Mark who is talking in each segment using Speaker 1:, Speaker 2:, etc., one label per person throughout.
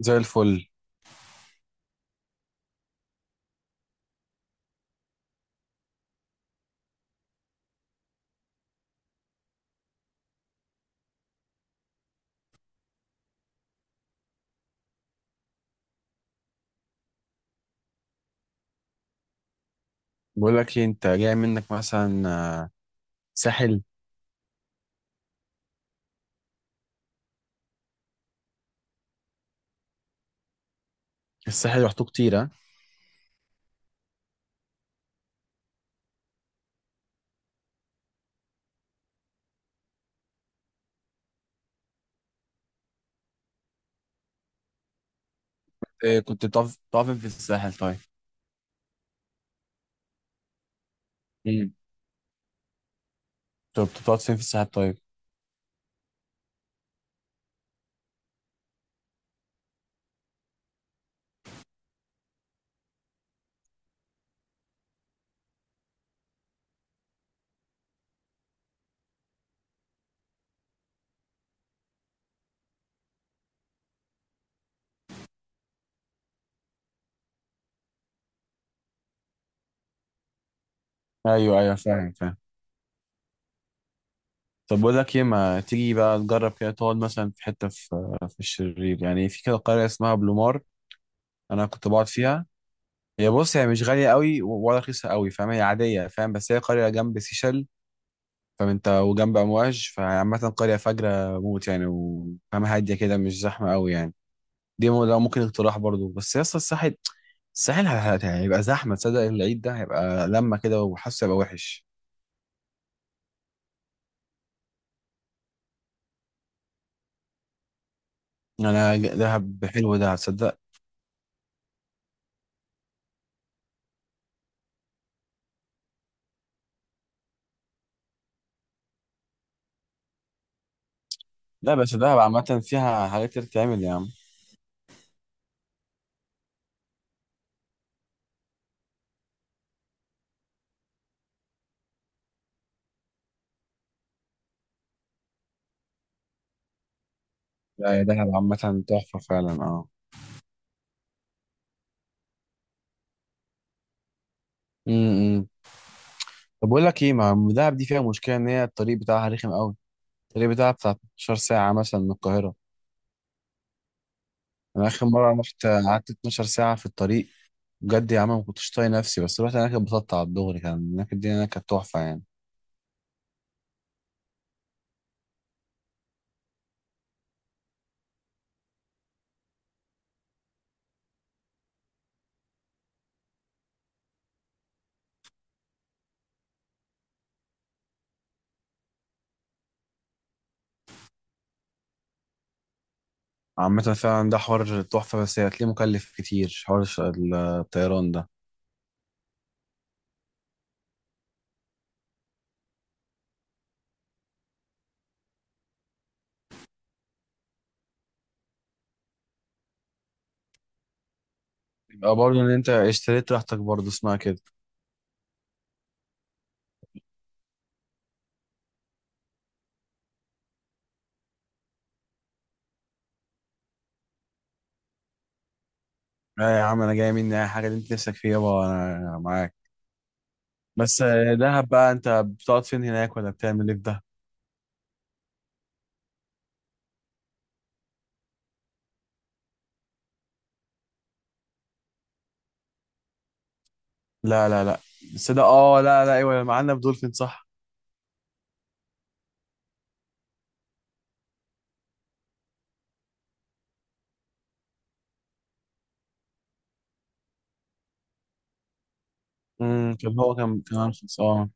Speaker 1: زي الفل. بقول لك ايه، انت جاي منك مثلا؟ آه، ساحل. الساحل رحته كتير، ها؟ إيه، كنت بتقف فين في الساحل طيب؟ امم طب بتقعد فين في الساحل طيب؟ ايوه، ايوه، فاهم، فاهم. طب بقول لك ايه، ما تيجي بقى تجرب كده تقعد مثلا في حته في في الشرير، يعني في كده قريه اسمها بلومار. انا كنت بقعد فيها. هي، بص، هي مش غاليه قوي ولا رخيصه قوي، فاهم؟ هي عاديه، فاهم؟ بس هي قريه جنب سيشل، فاهم انت، وجنب امواج، فعامه قريه فجره موت يعني، وفاهم، هاديه كده، مش زحمه قوي يعني. ده ممكن اقتراح برضو، بس يا اسطى الساحل. يعني هيبقى زحمه، تصدق؟ العيد ده هيبقى لما كده وحاسه، هيبقى وحش. دهب حلو ده، تصدق؟ لا، بس دهب عامه فيها حاجات كتير تعمل، يا عم. لا، يا دهب عامه تحفه فعلا، اه. امم طب بقول لك ايه، ما دهب دي فيها مشكله ان هي الطريق بتاعها رخم قوي. الطريق بتاعها بتاع 12 ساعه مثلا من القاهره. انا اخر مره رحت قعدت 12 ساعه في الطريق. بجد يا عم، ما كنتش طايق نفسي، بس رحت هناك اتبسطت على الدغري، كان هناك الدنيا هناك كانت تحفه يعني. عامة، فعلا ده حوار تحفة، بس هتلاقيه مكلف كتير، حوار الطيران ده. يبقى برضه ان انت اشتريت راحتك، برضه اسمها كده. لا يا عم، انا جاي مني اي حاجة اللي انت نفسك فيها، يابا، أنا معاك. بس دهب بقى، انت بتقعد فين هناك ولا بتعمل ايه في ده؟ لا، لا، لا. بس ده، اه، لا، لا، ايوه، معانا في دولفين، صح؟ امم. كان هو كان أرخص، اه.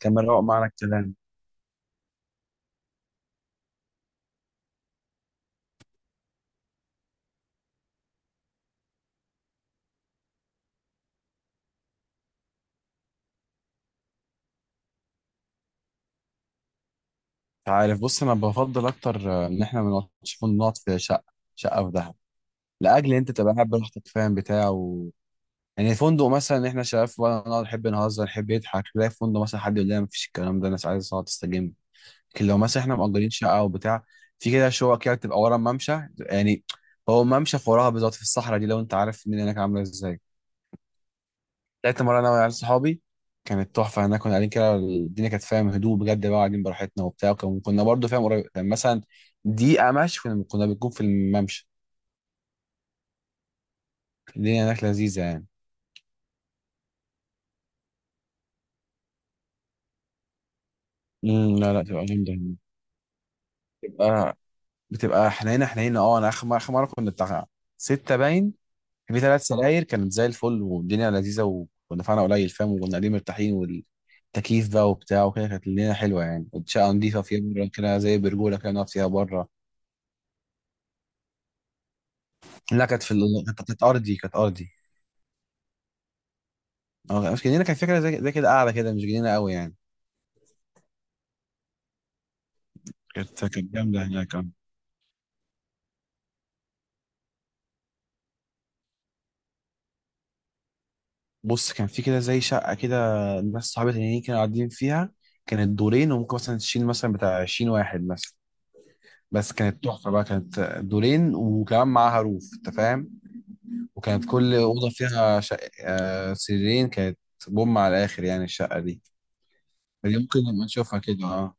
Speaker 1: كان مروق معانا الكلام. انت عارف، بص، انا بفضل اكتر ان احنا ما نقعدش نقعد في شقة، شقة في دهب. لاجل انت تبقى قاعد براحتك، فاهم، بتاع. يعني فندق مثلا احنا شباب بقى، نقعد نحب نهزر، نحب نضحك، تلاقي في فندق مثلا حد يقول لنا مفيش الكلام ده، الناس عايزه تقعد تستجم. لكن لو مثلا احنا مأجرين شقه او بتاع، في كده شقق كده بتبقى ورا الممشى يعني. هو الممشى في وراها بالظبط، في الصحراء دي، لو انت عارف الدنيا هناك عامله ازاي. طلعت مره انا وعيال صحابي، كانت تحفه هناك، كنا قاعدين كده، الدنيا كانت فاهم هدوء بجد، بقى قاعدين براحتنا وبتاع، كنا برضه فاهم قريب، كان مثلا دقيقه مشي كنا بنكون في الممشى. الدنيا هناك لذيذه يعني. لا، لا، تبقى جامده هناك. تبقى، بتبقى حنينه حنينه، اه. انا اخر مره كنا بتاع سته باين. كان في ثلاث سراير، كانت زي الفل، والدنيا لذيذه، ودفعنا قليل، فاهم، وكنا قاعدين مرتاحين، والتكييف بقى وبتاع وكده، كانت الدنيا حلوه يعني، والشقه نضيفه، فيها بره كده زي برجوله كده نقعد فيها بره. لا، كانت ارضي، كانت ارضي. اه، مش جنينه، كانت فكره زي كده قاعده كده، مش جنينه قوي يعني. كانت جامده هناك، اه. بص، كان في كده زي شقه كده، ناس صحابي تانيين كانوا قاعدين فيها. كانت دورين، وممكن مثلا تشيل مثلا بتاع 20 واحد مثلا. بس كانت تحفة بقى، كانت دورين وكمان معاها روف، انت فاهم. وكانت كل أوضة فيها سريرين، كانت بوم على الآخر يعني الشقة دي. دي ممكن نبقى نشوفها كده، اه.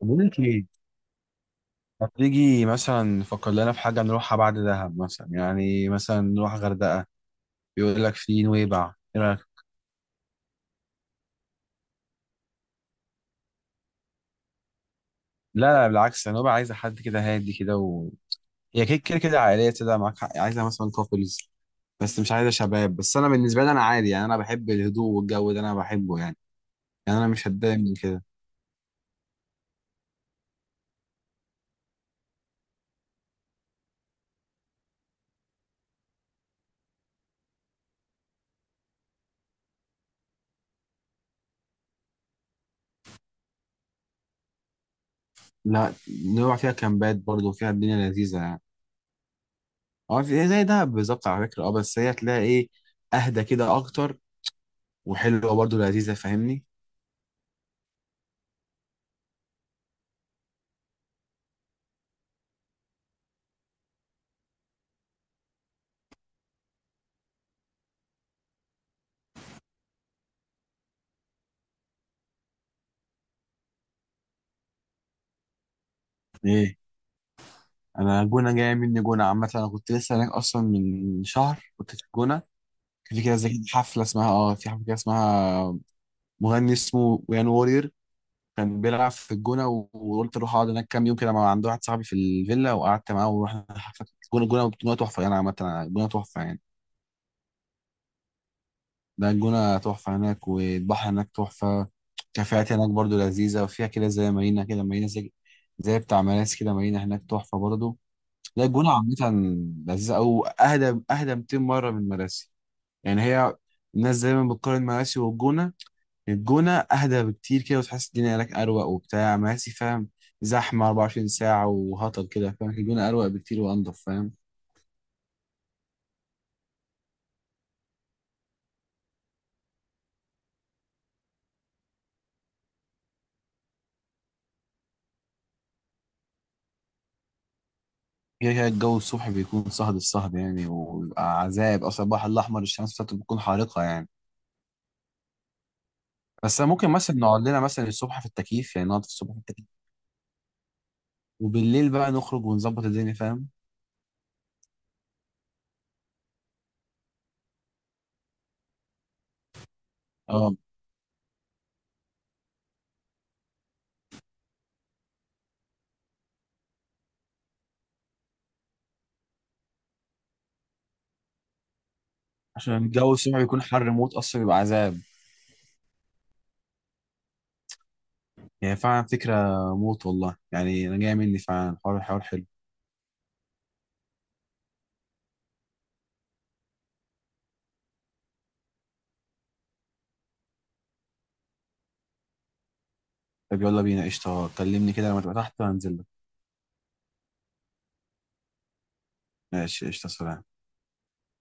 Speaker 1: طب بقول لك ايه، ما تيجي مثلا نفكر لنا في حاجة نروحها بعد دهب، مثلا يعني مثلا نروح غردقة. بيقول لك في نويبع، ايه رأيك؟ لا، لا، بالعكس، نويبع عايزة حد كده هادي كده. هي كده كده كده عائلية كده، معاك حق، عايزة مثلا كابلز، بس مش عايزة شباب. بس أنا بالنسبة لي أنا عادي يعني، أنا بحب الهدوء والجو ده، أنا بحبه يعني. يعني انا مش هتضايق من كده. لا، نروح فيها كامبات برضه، فيها الدنيا لذيذه يعني. اه، زي ده بالظبط على فكره، اه، بس هي تلاقي ايه، اهدى كده اكتر، وحلوه برضه لذيذه، فاهمني. ايه، انا جونه جايه مني. جونه عامه، انا كنت لسه هناك اصلا، من شهر كنت في الجونه. كان في كده زي حفله اسمها، في حفله كده اسمها، مغني اسمه ويان وورير، كان بيلعب في الجونه، وقلت اروح اقعد هناك كام يوم كده، مع عند واحد صاحبي في الفيلا، وقعدت معاه ورحنا حفله الجونه، الجونه، الجونه تحفه يعني عامه. الجونه تحفه يعني. ده الجونة تحفة هناك، والبحر هناك تحفة. كافيهات هناك برضو لذيذة، وفيها كده زي مارينا كده، مارينا زي بتاع مراسي كده، مارينا هناك تحفة برضو. لا، الجونة عامة لذيذة، أو أهدى، أهدى 200 مرة من مراسي يعني. هي الناس دايما بتقارن مراسي والجونة. الجونة أهدى بكتير كده، وتحس الدنيا هناك أروق وبتاع، مراسي فاهم زحمة 24 ساعة وهطل كده، فاهم. الجونة أروق بكتير وأنضف، فاهم. كده كده الجو الصبح بيكون صهد، الصهد يعني وبيبقى عذاب، اصلا البحر الاحمر الشمس بتاعته بتكون حارقه يعني. بس ممكن مثلا نقعد لنا مثلا الصبح في التكييف يعني، نقعد في الصبح في التكييف. وبالليل بقى نخرج ونظبط الدنيا، فاهم. اه، عشان الجو الصبح بيكون حر موت، اصلا بيبقى عذاب. يعني فعلا فكره موت والله، يعني انا جاي مني فعلا، حوار حوار حلو. طب يلا بينا قشطه، كلمني كده لما تبقى تحت وهنزل لك. ماشي، قشطه، سلام.